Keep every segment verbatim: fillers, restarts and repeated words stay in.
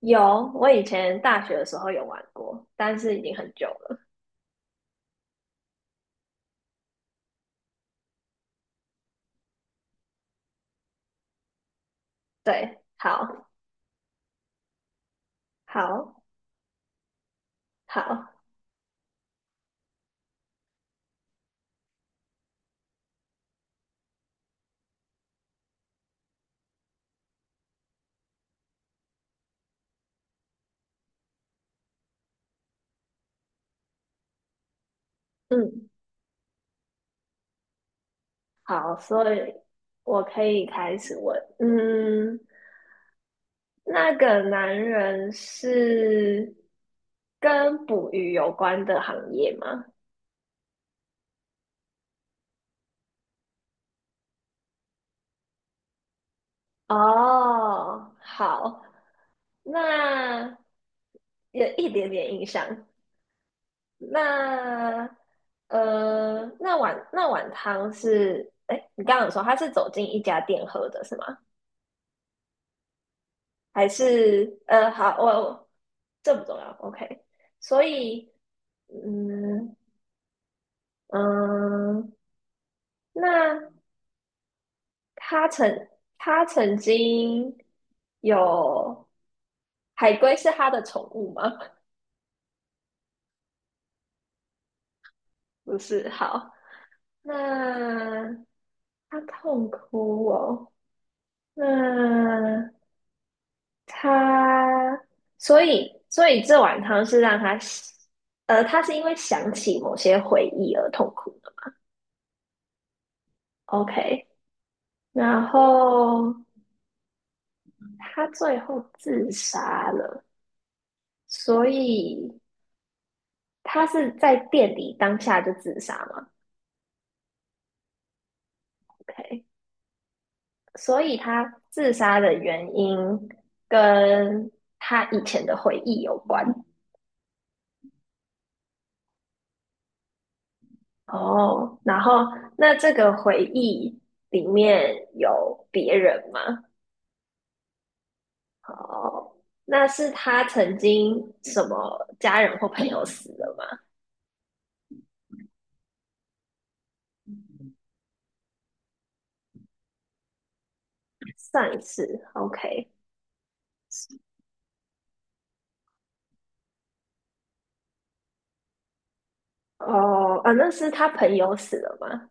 有，我以前大学的时候有玩过，但是已经很久了。对，好，好。好。嗯。好，所以我可以开始问。嗯，那个男人是跟捕鱼有关的行业吗？哦，好，那有一点点印象。那呃，那碗那碗汤是，哎，你刚刚有说他是走进一家店喝的是吗？还是呃，好，我我这不重要，OK。所以，嗯。嗯，那他曾他曾经有海龟是他的宠物吗？不是，好，那他痛哭哦，那。他，所以所以这碗汤是让他，呃，他是因为想起某些回忆而痛苦的。OK,然后他最后自杀了，所以他是在店里当下就自杀嘛？OK,所以他自杀的原因跟他以前的回忆有关。哦，然后那这个回忆里面有别人吗？哦，那是他曾经什么家人或朋友死了吗？上一次，OK。哦，啊，那是他朋友死了吗？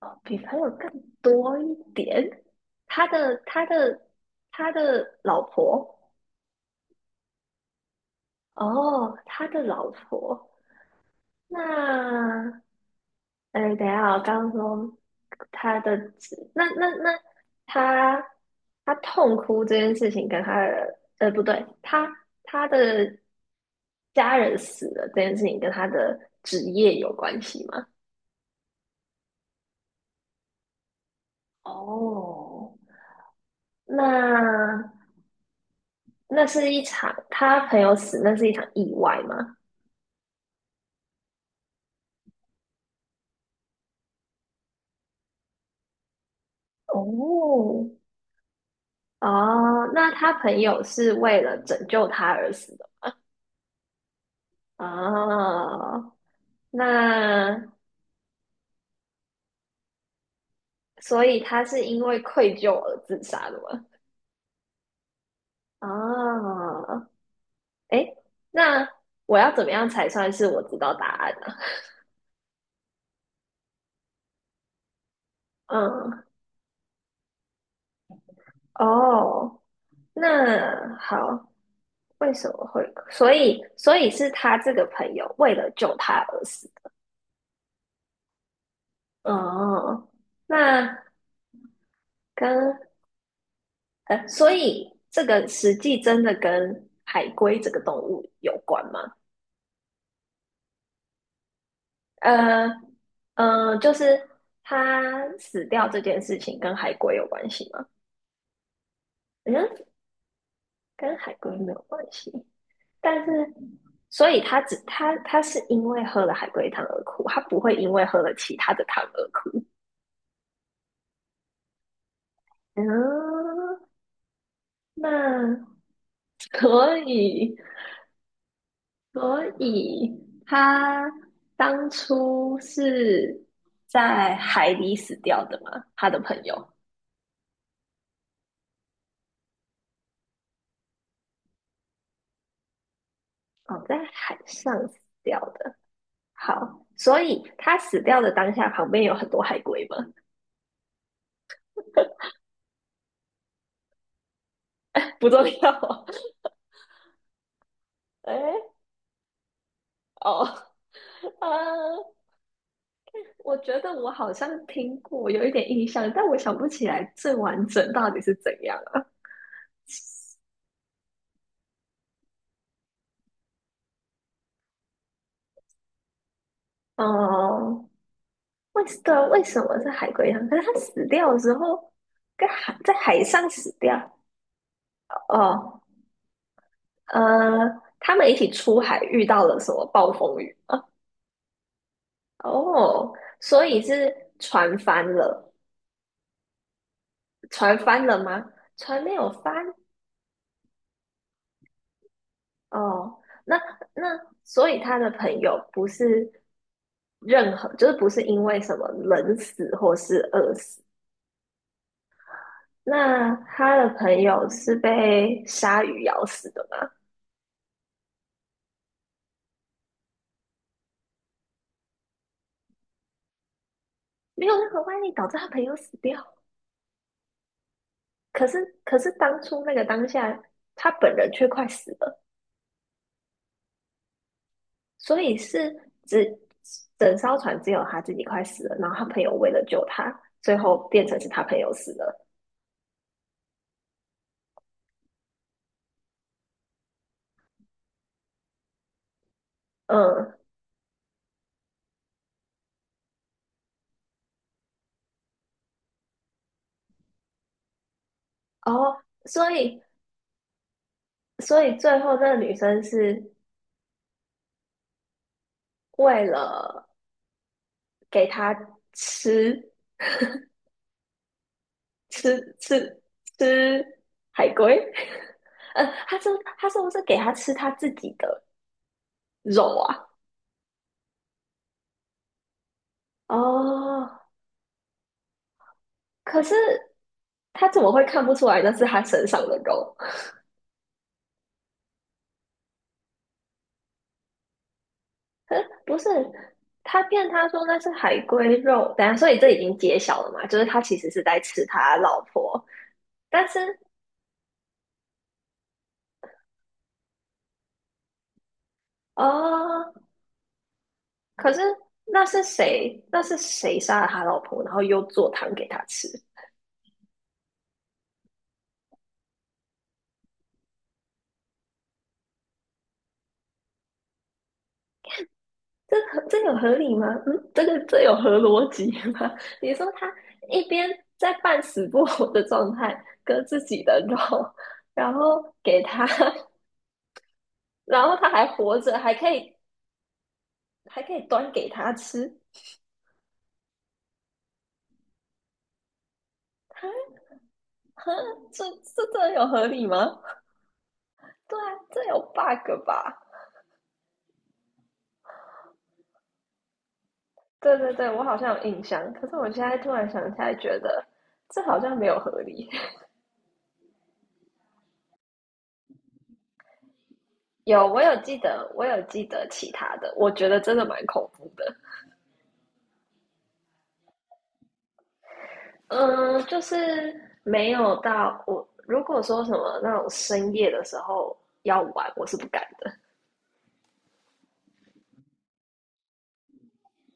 哦，比朋友更多一点。他的他的他的老婆。哦，他的老婆，那哎，等一下，我刚刚说他的指，那那那他他痛哭这件事情跟他的，呃，不对，他他的家人死了这件事情跟他的职业有关系吗？哦，那那是一场他朋友死，那是一场意外吗？哦。哦，那他朋友是为了拯救他而死的。哦，那所以他是因为愧疚而自杀的吗？啊，哎，那我要怎么样才算是我知道答案呢？嗯。哦，那好，为什么会？所以，所以是他这个朋友为了救他而死。哦，那跟呃，所以这个实际真的跟海龟这个动物有关吗？呃呃，就是他死掉这件事情跟海龟有关系吗？嗯，跟海龟没有关系，但是所以他只他他是因为喝了海龟汤而哭，他不会因为喝了其他的汤而哭。嗯，那所以所以他当初是在海里死掉的吗？他的朋友哦，在海上死掉的。好，所以他死掉的当下，旁边有很多海龟吗？不重要。哎，哦，呃，我觉得我好像听过，有一点印象，但我想不起来最完整到底是怎样了。哦，为什对啊为什么是海龟汤？可是他死掉的时候，跟海在海上死掉。哦，呃，他们一起出海遇到了什么暴风雨吗？哦，所以是船翻了，船翻了吗？船没有翻。哦，那那所以他的朋友不是任何，就是不是因为什么冷死或是饿死，那他的朋友是被鲨鱼咬死的吗？没有任何外力导致他朋友死掉，可是可是当初那个当下，他本人却快死了，所以是只整艘船只有他自己快死了，然后他朋友为了救他，最后变成是他朋友死了。嗯。哦。所以所以最后那个女生是为了给他吃吃吃吃海龟。呃，他是他是不是给他吃他自己的肉啊？哦，可是他怎么会看不出来那是他身上的肉？呃不是，他骗他说那是海龟肉，等一下，所以这已经揭晓了嘛？就是他其实是在吃他老婆，但是哦，可是那是谁？那是谁杀了他老婆，然后又做汤给他吃？这合这有合理吗？嗯，这个这有合逻辑吗？你说他一边在半死不活的状态割自己的肉，然后给他。然后他还活着，还可以还可以端给他吃。他呵，这这这有合理吗？对啊，这有 bug 吧？对对对，我好像有印象，可是我现在突然想起来，觉得这好像没有合理。有，我有记得，我有记得其他的，我觉得真的蛮恐怖的。嗯，就是没有到我，如果说什么那种深夜的时候要玩，我是不敢的。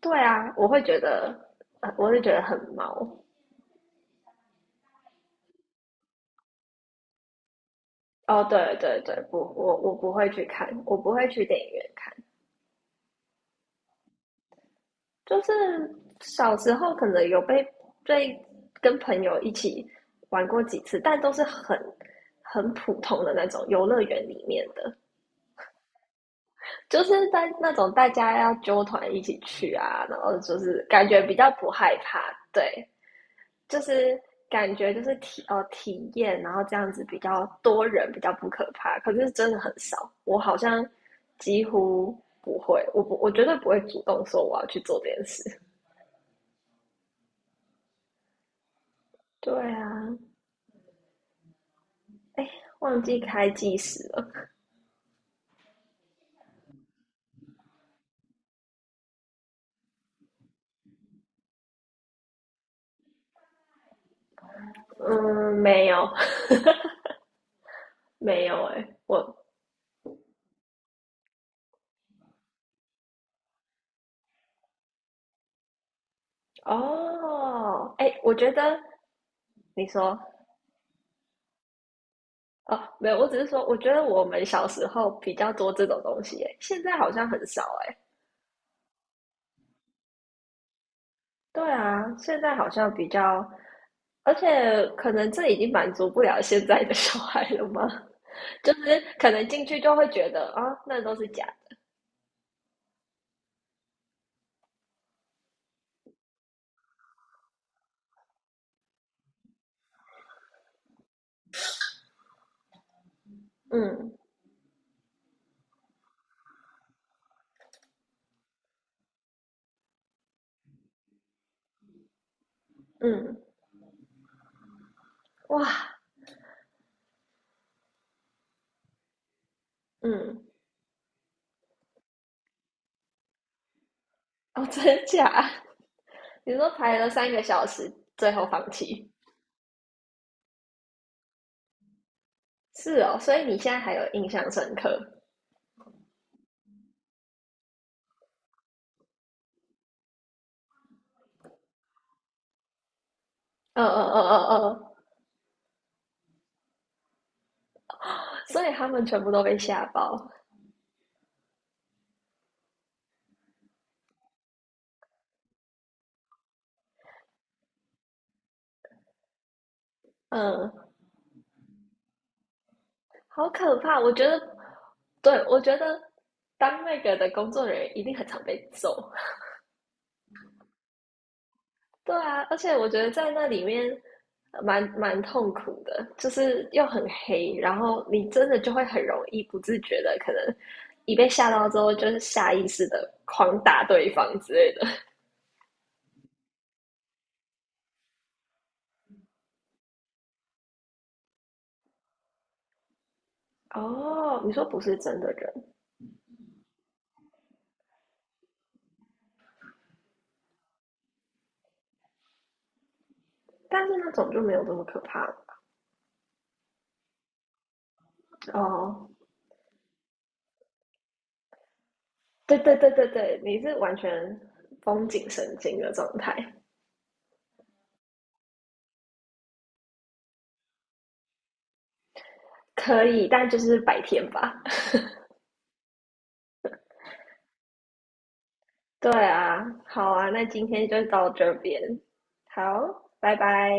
对啊，我会觉得，呃我会觉得很毛。哦，对对对，不，我我不会去看，我不会去电影院看。就是小时候可能有被被跟朋友一起玩过几次，但都是很很普通的那种游乐园里面的。就是在那种大家要揪团一起去啊，然后就是感觉比较不害怕，对，就是感觉就是体哦体验，然后这样子比较多人比较不可怕，可是真的很少，我好像几乎不会，我不我绝对不会主动说我要去做这件事。对啊，哎，忘记开计时了。嗯，没有没有。欸哎，我哦，哎，我觉得你说。哦，没有，我只是说，我觉得我们小时候比较多这种东西诶，现在好像很少诶。对啊，现在好像比较，而且可能这已经满足不了现在的小孩了吗？就是可能进去就会觉得啊，那都是假的。嗯。嗯，哇，嗯。哦，真假？你说排了三个小时，最后放弃，是哦，所以你现在还有印象深刻？嗯。嗯，嗯嗯嗯，嗯所以他们全部都被吓爆。嗯。好可怕！我觉得，对，我觉得当那个的工作人员一定很常被揍。对啊，而且我觉得在那里面呃蛮蛮痛苦的，就是又很黑，然后你真的就会很容易不自觉的，可能一被吓到之后，就是下意识的狂打对方之类的。哦，你说不是真的人，但是那种就没有这么可怕哦。对对对对对，你是完全绷紧神经的状态。可以，但就是白天吧。对啊，好啊，那今天就到这边，好，拜拜。